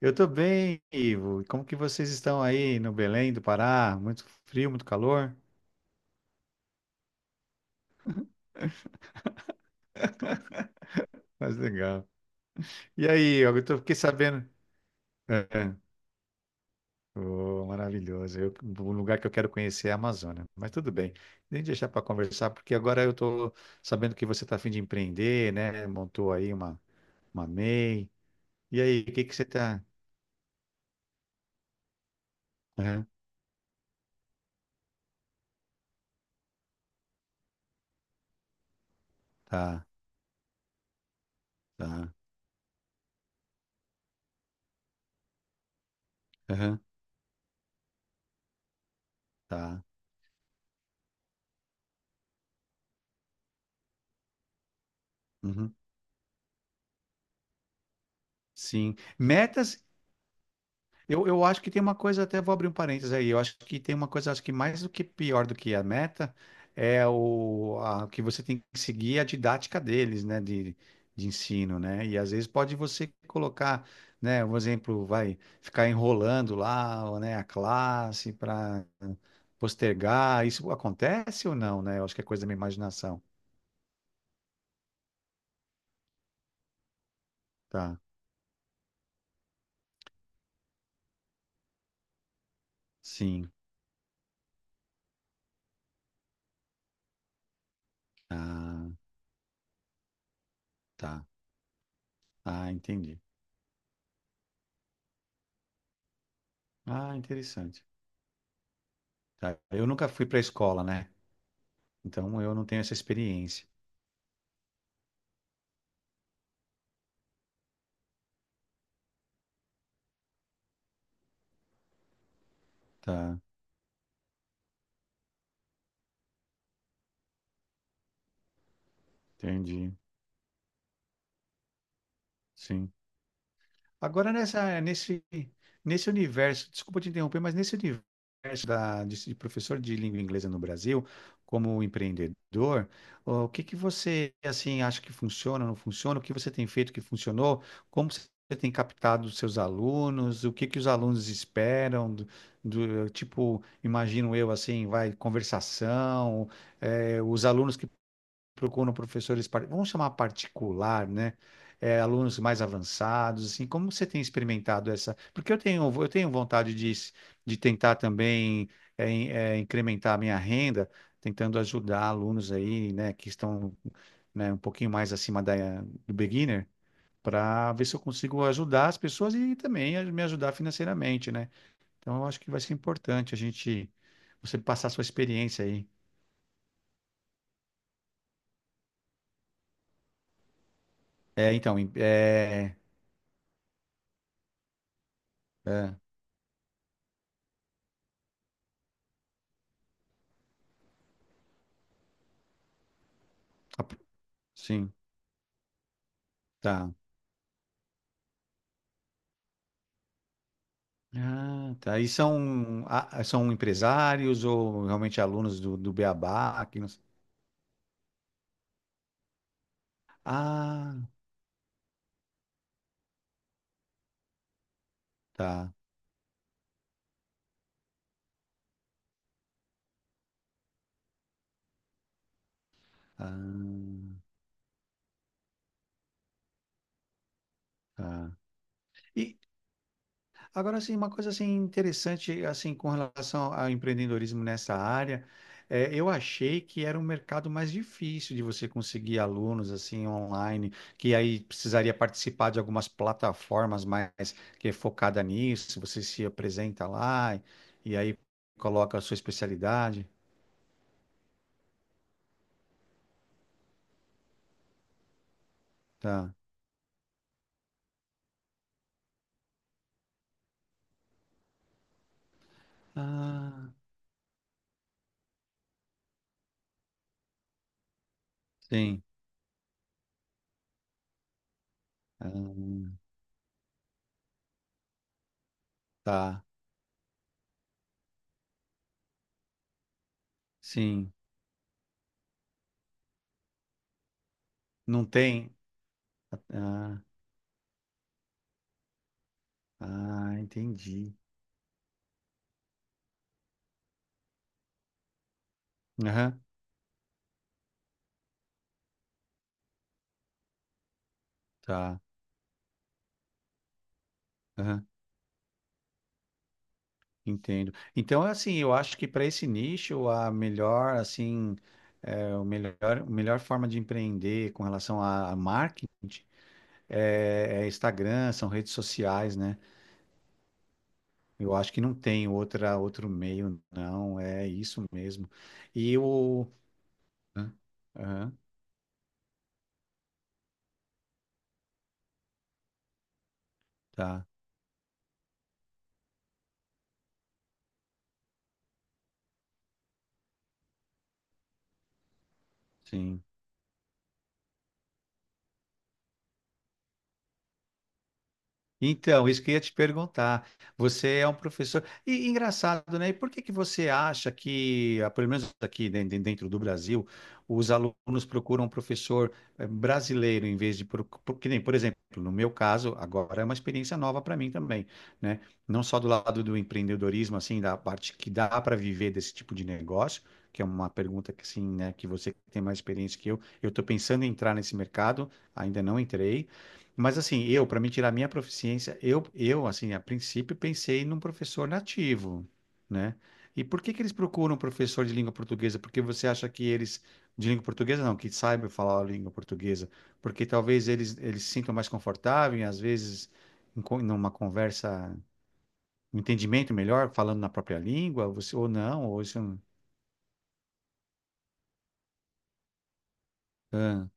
Eu tô bem, Ivo. E como que vocês estão aí no Belém do Pará? Muito frio, muito calor? Mas legal. E aí, eu tô, fiquei sabendo. É, oh, maravilhoso. Um lugar que eu quero conhecer é a Amazônia. Mas tudo bem. Nem deixar para conversar, porque agora eu tô sabendo que você tá a fim de empreender, né? Montou aí uma MEI. E I. E aí, o que que você tá? Aham, tá, tá, aham, tá, uhum. Sim. Metas. Eu acho que tem uma coisa, até vou abrir um parênteses aí. Eu acho que tem uma coisa, acho que mais do que pior do que a meta é que você tem que seguir a didática deles, né, de ensino, né? E às vezes pode você colocar, né, um exemplo, vai ficar enrolando lá, ou né, a classe para postergar. Isso acontece ou não, né? Eu acho que é coisa da minha imaginação. Tá. Sim. Ah, tá. Ah, entendi. Ah, interessante. Tá. Eu nunca fui para a escola, né? Então eu não tenho essa experiência, tá? Entendi. Sim. Agora nesse universo, desculpa te interromper, mas nesse universo de professor de língua inglesa no Brasil, como empreendedor, o que que você assim acha que funciona, não funciona? O que você tem feito que funcionou? Como você tem captado os seus alunos? O que que os alunos esperam? Tipo, imagino eu assim, vai conversação, os alunos procuram professores, vamos chamar particular, né? É, alunos mais avançados, assim, como você tem experimentado essa? Eu tenho vontade de tentar também incrementar a minha renda, tentando ajudar alunos aí, né, que estão, né, um pouquinho mais acima do beginner, para ver se eu consigo ajudar as pessoas e também me ajudar financeiramente, né? Então, eu acho que vai ser importante a gente, você passar a sua experiência aí. É, então, em- é, é. A sim, tá. Ah, tá. E são, ah, são empresários ou realmente alunos do Beabá? Que não... Ah, tá. Ah, tá. E, agora, assim, uma coisa assim interessante assim com relação ao empreendedorismo nessa área, é, eu achei que era um mercado mais difícil de você conseguir alunos assim online, que aí precisaria participar de algumas plataformas mais que é focada nisso. Você se apresenta lá e aí coloca a sua especialidade, tá? Ah, sim. Ah, tá. Sim. Não tem. Ah, ah, entendi. Aham, tá, aham. Entendo. Então, assim, eu acho que para esse nicho, a melhor, assim, é, o melhor, a melhor forma de empreender com relação a marketing é, é Instagram, são redes sociais, né? Eu acho que não tem outro meio, não. É isso mesmo. E o. Hã? Aham, tá, sim. Então, isso que eu ia te perguntar. Você é um professor. E engraçado, né? E por que que você acha que, ah, pelo menos aqui dentro do Brasil, os alunos procuram um professor brasileiro em vez que nem, por exemplo, no meu caso, agora é uma experiência nova para mim também, né? Não só do lado do empreendedorismo, assim, da parte que dá para viver desse tipo de negócio, que é uma pergunta que assim, né, que você tem mais experiência que eu. Eu estou pensando em entrar nesse mercado, ainda não entrei, mas assim, eu, para me tirar minha proficiência, assim, a princípio pensei num professor nativo, né? E por que que eles procuram um professor de língua portuguesa? Porque você acha que eles, de língua portuguesa não, que saibam falar a língua portuguesa, porque talvez eles se sintam mais confortáveis, às vezes, numa conversa, um entendimento melhor, falando na própria língua, você, ou não, ou isso... é um. Ah,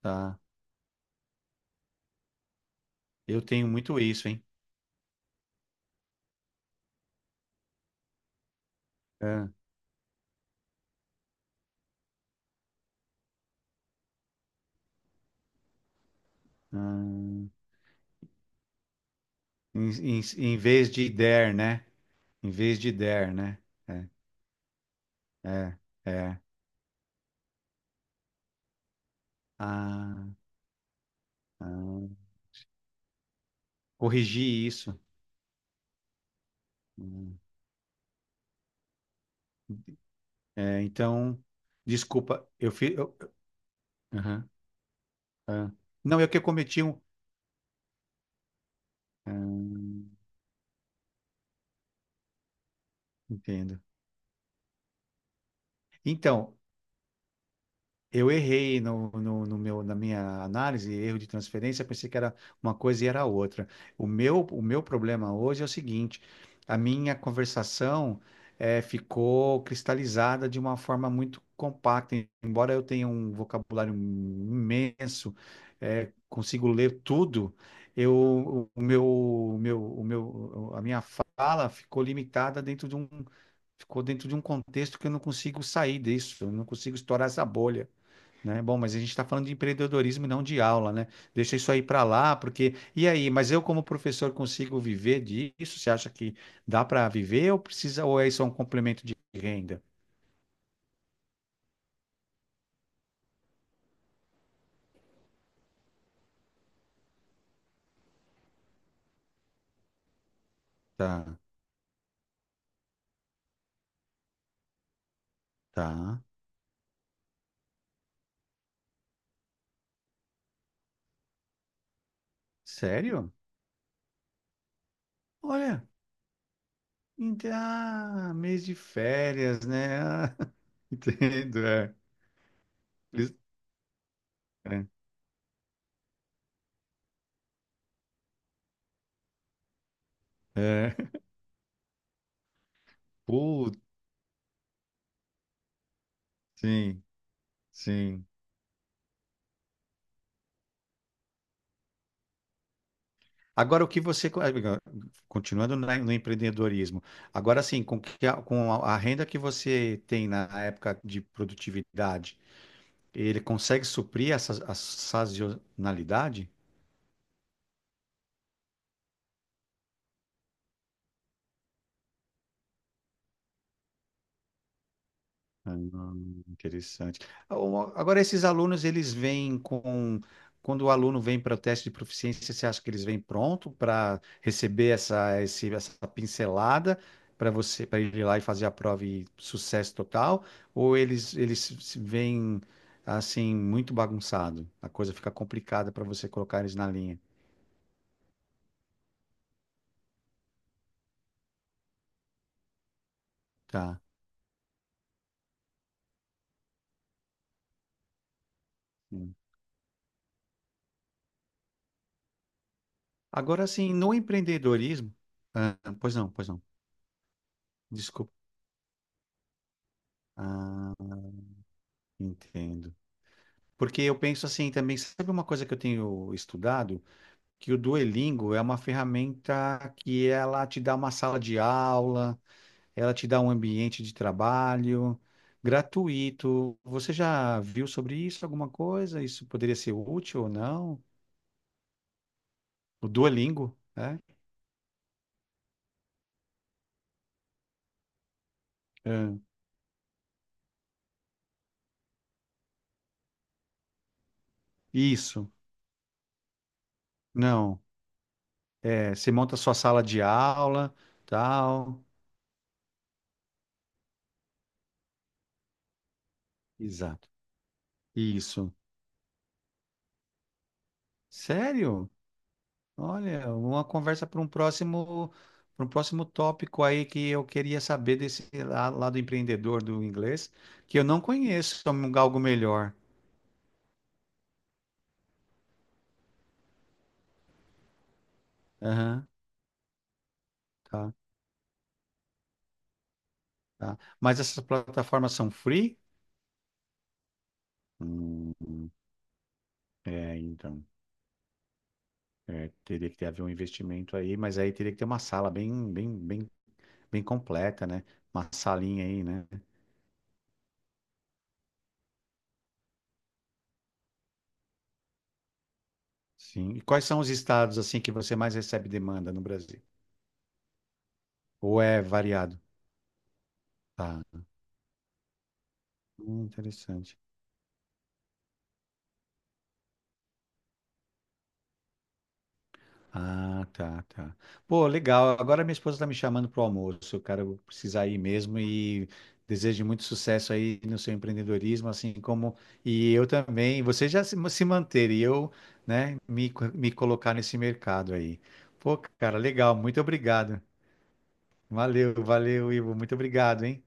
tá. Eu tenho muito isso, hein? Ah, ah, em vez de der, né? Em vez de der, né? É, é, é. Ah, ah. Corrigi isso. Hum. É, então, desculpa, eu fiz. Eu- aham, ah. Não, é que eu cometi um. Ah, entendo. Então, Eu errei no meu, na minha análise, erro de transferência, pensei que era uma coisa e era outra. O meu problema hoje é o seguinte: a minha conversação ficou cristalizada de uma forma muito compacta. Embora eu tenha um vocabulário imenso, consigo ler tudo, eu, a minha fala ficou limitada dentro de um, ficou dentro de um contexto que eu não consigo sair disso, eu não consigo estourar essa bolha. Né? Bom, mas a gente está falando de empreendedorismo e não de aula, né? Deixa isso aí para lá, porque. E aí, mas eu, como professor, consigo viver disso? Você acha que dá para viver ou precisa, ou é só um complemento de renda? Tá, tá. Sério? Olha, ah, mês de férias, né? Ah, entendo, é. Isso. É. É. Putz, sim, sim. Agora, o que você, continuando no empreendedorismo, agora sim, com, que a, com a renda que você tem na época de produtividade, ele consegue suprir essa a sazonalidade? Ah, interessante. Ah, uma. Agora, esses alunos, eles vêm com. Quando o aluno vem para o teste de proficiência, você acha que eles vêm pronto para receber essa pincelada para você, para ir lá e fazer a prova e sucesso total? Ou eles se- vêm assim, muito bagunçado? A coisa fica complicada para você colocar eles na linha. Tá. Hum. Agora, assim, no empreendedorismo. Ah, pois não, pois não. Desculpa. Ah, entendo. Porque eu penso assim também, sabe uma coisa que eu tenho estudado? Que o Duolingo é uma ferramenta que ela te dá uma sala de aula, ela te dá um ambiente de trabalho gratuito. Você já viu sobre isso alguma coisa? Isso poderia ser útil ou não? O Duolingo, né? É. Isso, não. É, você monta sua sala de aula, tal. Exato. Isso. Sério? Olha, uma conversa para um próximo tópico aí que eu queria saber desse lado empreendedor do inglês, que eu não conheço algo melhor. Aham, tá, tá. Mas essas plataformas são free? Hum, é, então, é, teria que ter, haver um investimento aí, mas aí teria que ter uma sala bem, bem completa, né? Uma salinha aí, né? Sim. E quais são os estados assim que você mais recebe demanda no Brasil? Ou é variado? Tá. Interessante. Ah, tá, tá. Pô, legal. Agora minha esposa tá me chamando pro almoço, cara. Eu vou precisar ir mesmo e desejo muito sucesso aí no seu empreendedorismo, assim como e eu também. Você já se, se manter e eu, né, me colocar nesse mercado aí. Pô, cara, legal. Muito obrigado. Valeu, valeu, Ivo. Muito obrigado, hein?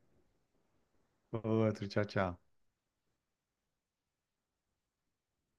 Outro, tchau, tchau.